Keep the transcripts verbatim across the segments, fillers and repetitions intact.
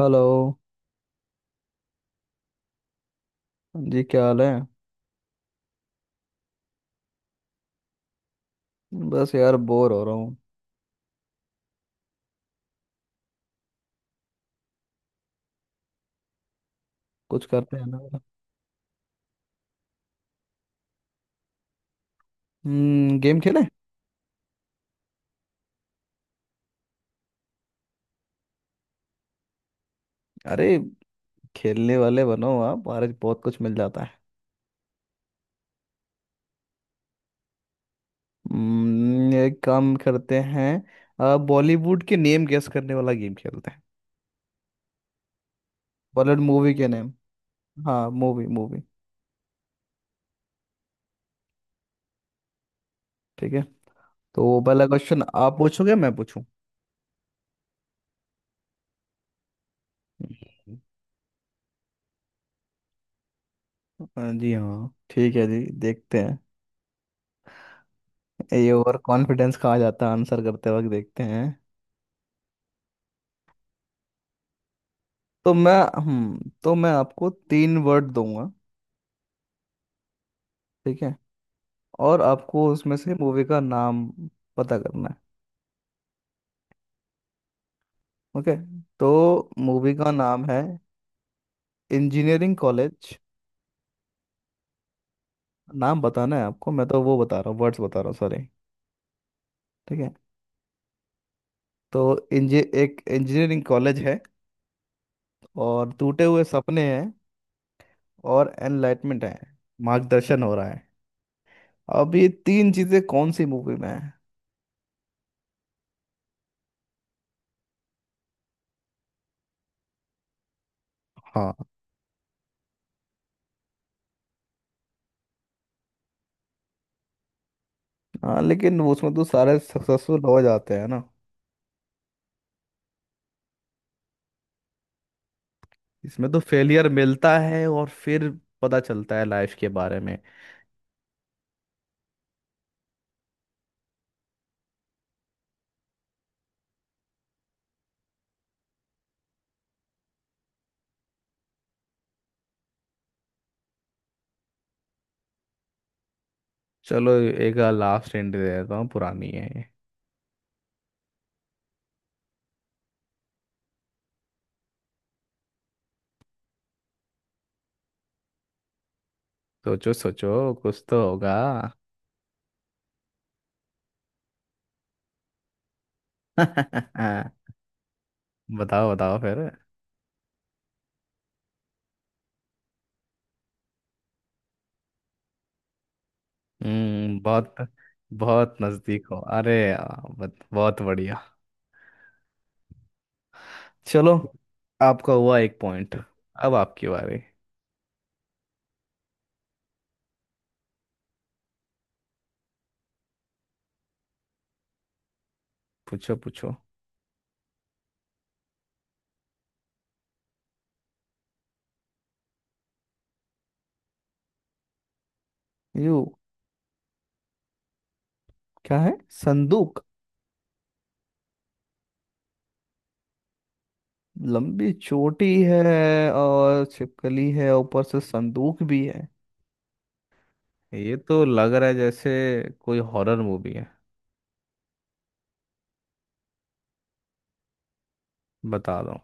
Hello जी। क्या हाल है। बस यार बोर हो रहा हूँ। कुछ करते हैं ना। हम्म, गेम खेलें। अरे खेलने वाले बनो आप आज बहुत कुछ मिल जाता है। हम्म, एक काम करते हैं, बॉलीवुड के नेम गेस करने वाला गेम खेलते हैं। बॉलीवुड मूवी के नेम। हाँ, मूवी मूवी ठीक है। तो पहला क्वेश्चन आप पूछोगे मैं पूछूं। हाँ जी हाँ ठीक है जी, देखते हैं। ये ओवर कॉन्फिडेंस कहा जाता है, आंसर करते वक्त देखते हैं। तो मैं हम्म, तो मैं आपको तीन वर्ड दूंगा। ठीक है। और आपको उसमें से मूवी का नाम पता करना है। ओके। तो मूवी का नाम है इंजीनियरिंग कॉलेज। नाम बताना है आपको, मैं तो वो बता रहा हूँ, वर्ड्स बता रहा हूँ, सॉरी। ठीक है। तो इंजी एक इंजीनियरिंग कॉलेज है। और टूटे हुए सपने हैं। और एनलाइटमेंट है। मार्गदर्शन हो रहा है। अब ये तीन चीजें कौन सी मूवी में है। हाँ। हाँ लेकिन वो उसमें तो सारे सक्सेसफुल हो जाते हैं ना। इसमें तो फेलियर मिलता है और फिर पता चलता है लाइफ के बारे में। चलो एक लास्ट एंड दे देता हूँ, पुरानी है। सोचो सोचो कुछ तो होगा। बताओ बताओ फिर। हम्म, बहुत बहुत नजदीक हो। अरे यार, बत- बहुत बढ़िया। चलो, आपका हुआ एक पॉइंट। अब आपकी बारी। पूछो पूछो यू क्या है। संदूक लंबी चोटी है, और छिपकली है, ऊपर से संदूक भी है। ये तो लग रहा है जैसे कोई हॉरर मूवी है। बता दो।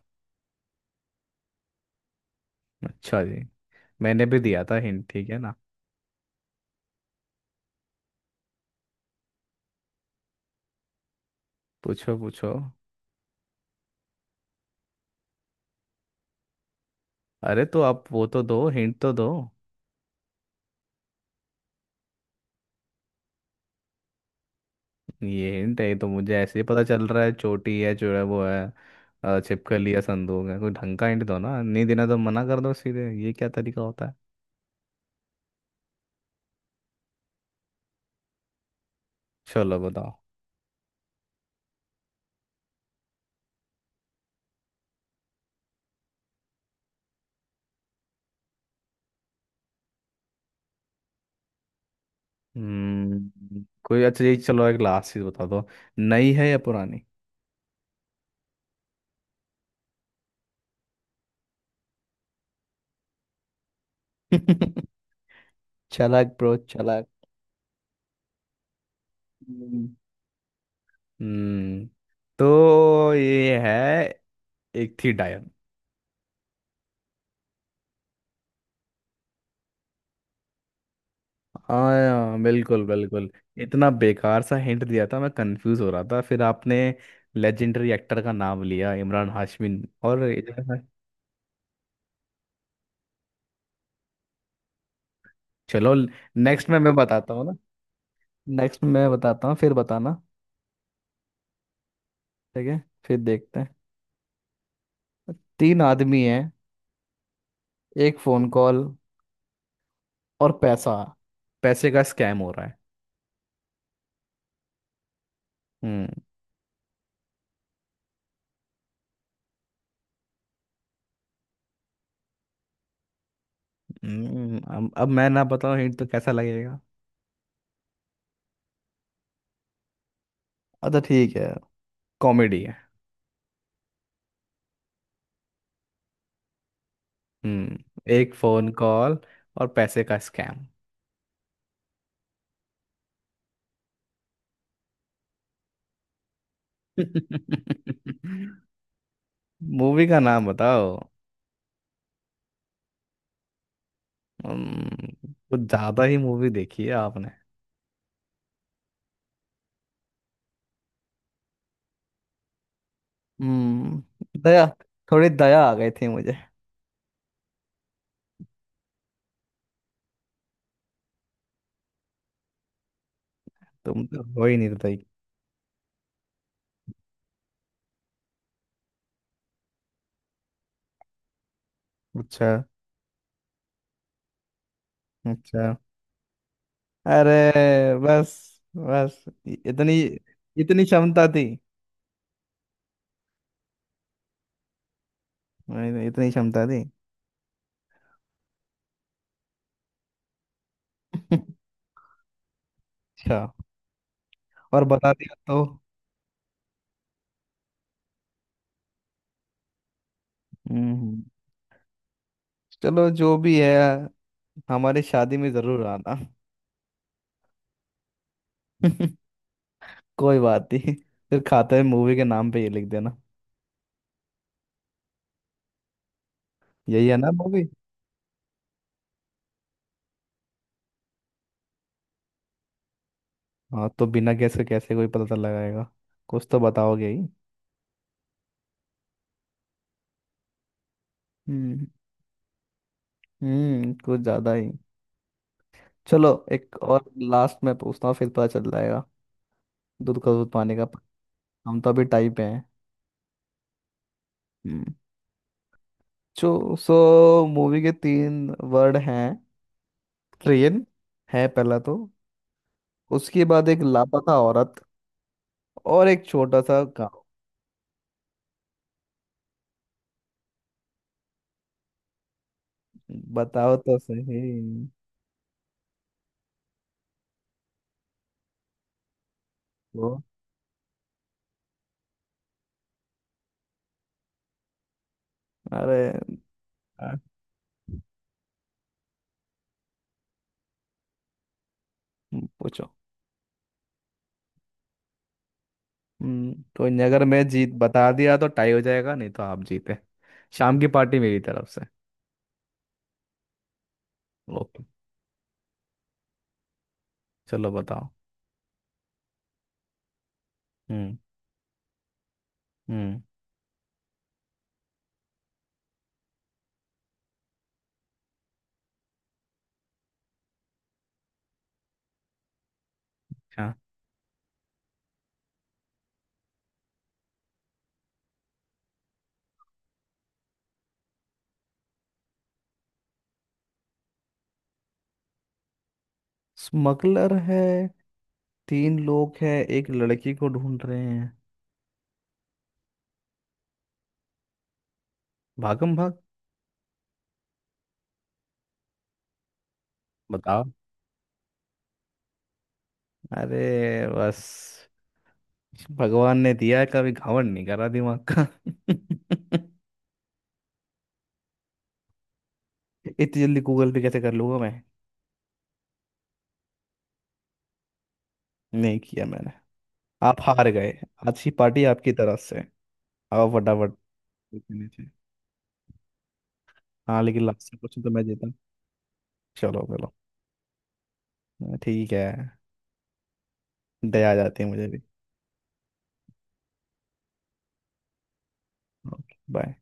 अच्छा जी, मैंने भी दिया था हिंट, ठीक है ना। पूछो पूछो अरे तो आप वो तो दो हिंट तो दो। ये हिंट है? ये तो मुझे ऐसे ही पता चल रहा है। चोटी है जो है वो है, अ, छिपकली है, संदूक है। कोई ढंग का हिंट दो ना, नहीं देना तो मना कर दो सीधे, ये क्या तरीका होता है। चलो बताओ। हम्म, कोई अच्छा, ये चलो एक लास्ट चीज बता दो, नई है या पुरानी। चालाक ब्रो। चालाक। हम्म, तो ये है एक थी डायन। हाँ। हाँ, बिल्कुल बिल्कुल। इतना बेकार सा हिंट दिया था, मैं कंफ्यूज हो रहा था। फिर आपने लेजेंडरी एक्टर का नाम लिया, इमरान हाशमी। और इधर-। चलो, नेक्स्ट में मैं बताता हूँ ना। नेक्स्ट में मैं बताता हूँ फिर बताना। ठीक है, फिर देखते हैं। तीन आदमी हैं। एक फोन कॉल। और पैसा, पैसे का स्कैम हो रहा है। हम्म। हम्म, अब अब मैं ना बताऊँ हिंट तो कैसा लगेगा। अच्छा ठीक है, कॉमेडी है। हम्म। एक फोन कॉल और पैसे का स्कैम। मूवी का नाम बताओ। हम्म, कुछ ज्यादा ही मूवी देखी है आपने। हम्म, दया, थोड़ी दया आ गई थी मुझे। तुम तो हो ही निर्दयी। अच्छा। अच्छा। अरे बस, बस इ- इतनी, इतनी क्षमता थी। मैंने इतनी क्षमता थी। अच्छा, और बता दिया तो। हम्म, चलो जो भी है, हमारी शादी में जरूर आना। कोई बात नहीं, फिर खाते में मूवी के नाम पे ये लिख देना। यही है ना मूवी। हाँ तो बिना गैस के कैसे कोई पता लगाएगा, कुछ तो बताओगे ही। हम्म। हम्म, कुछ ज्यादा ही। चलो एक और लास्ट में पूछता हूँ फिर पता चल जाएगा। दूध का दूध पानी का पानी। हम तो अभी टाइप पे हैं। हम्म जो सो मूवी के तीन वर्ड हैं। ट्रेन है पहला तो। उसके बाद एक लापता औरत। और एक छोटा सा गांव। बताओ तो सही। तो अरे। हम्म, पूछो। हम्म, तो नहीं, अगर मैं जीत बता दिया तो टाई हो जाएगा, नहीं तो आप जीते। शाम की पार्टी मेरी तरफ से। ओके, चलो बताओ। हम्म। हम्म। अच्छा। स्मगलर है, तीन लोग हैं, एक लड़की को ढूंढ रहे हैं। भागम भाग। बताओ। अरे बस, भगवान ने दिया है, कभी घावन नहीं करा दिमाग का। इतनी जल्दी गूगल पे कैसे कर लूंगा मैं। नहीं किया मैंने। आप हार गए। आज की पार्टी आपकी तरफ से। आओ फटाफट। हाँ लेकिन लास्ट क्वेश्चन तो मैं जीता। चलो चलो। ठीक है, दया आ जाती है मुझे भी। Okay bye.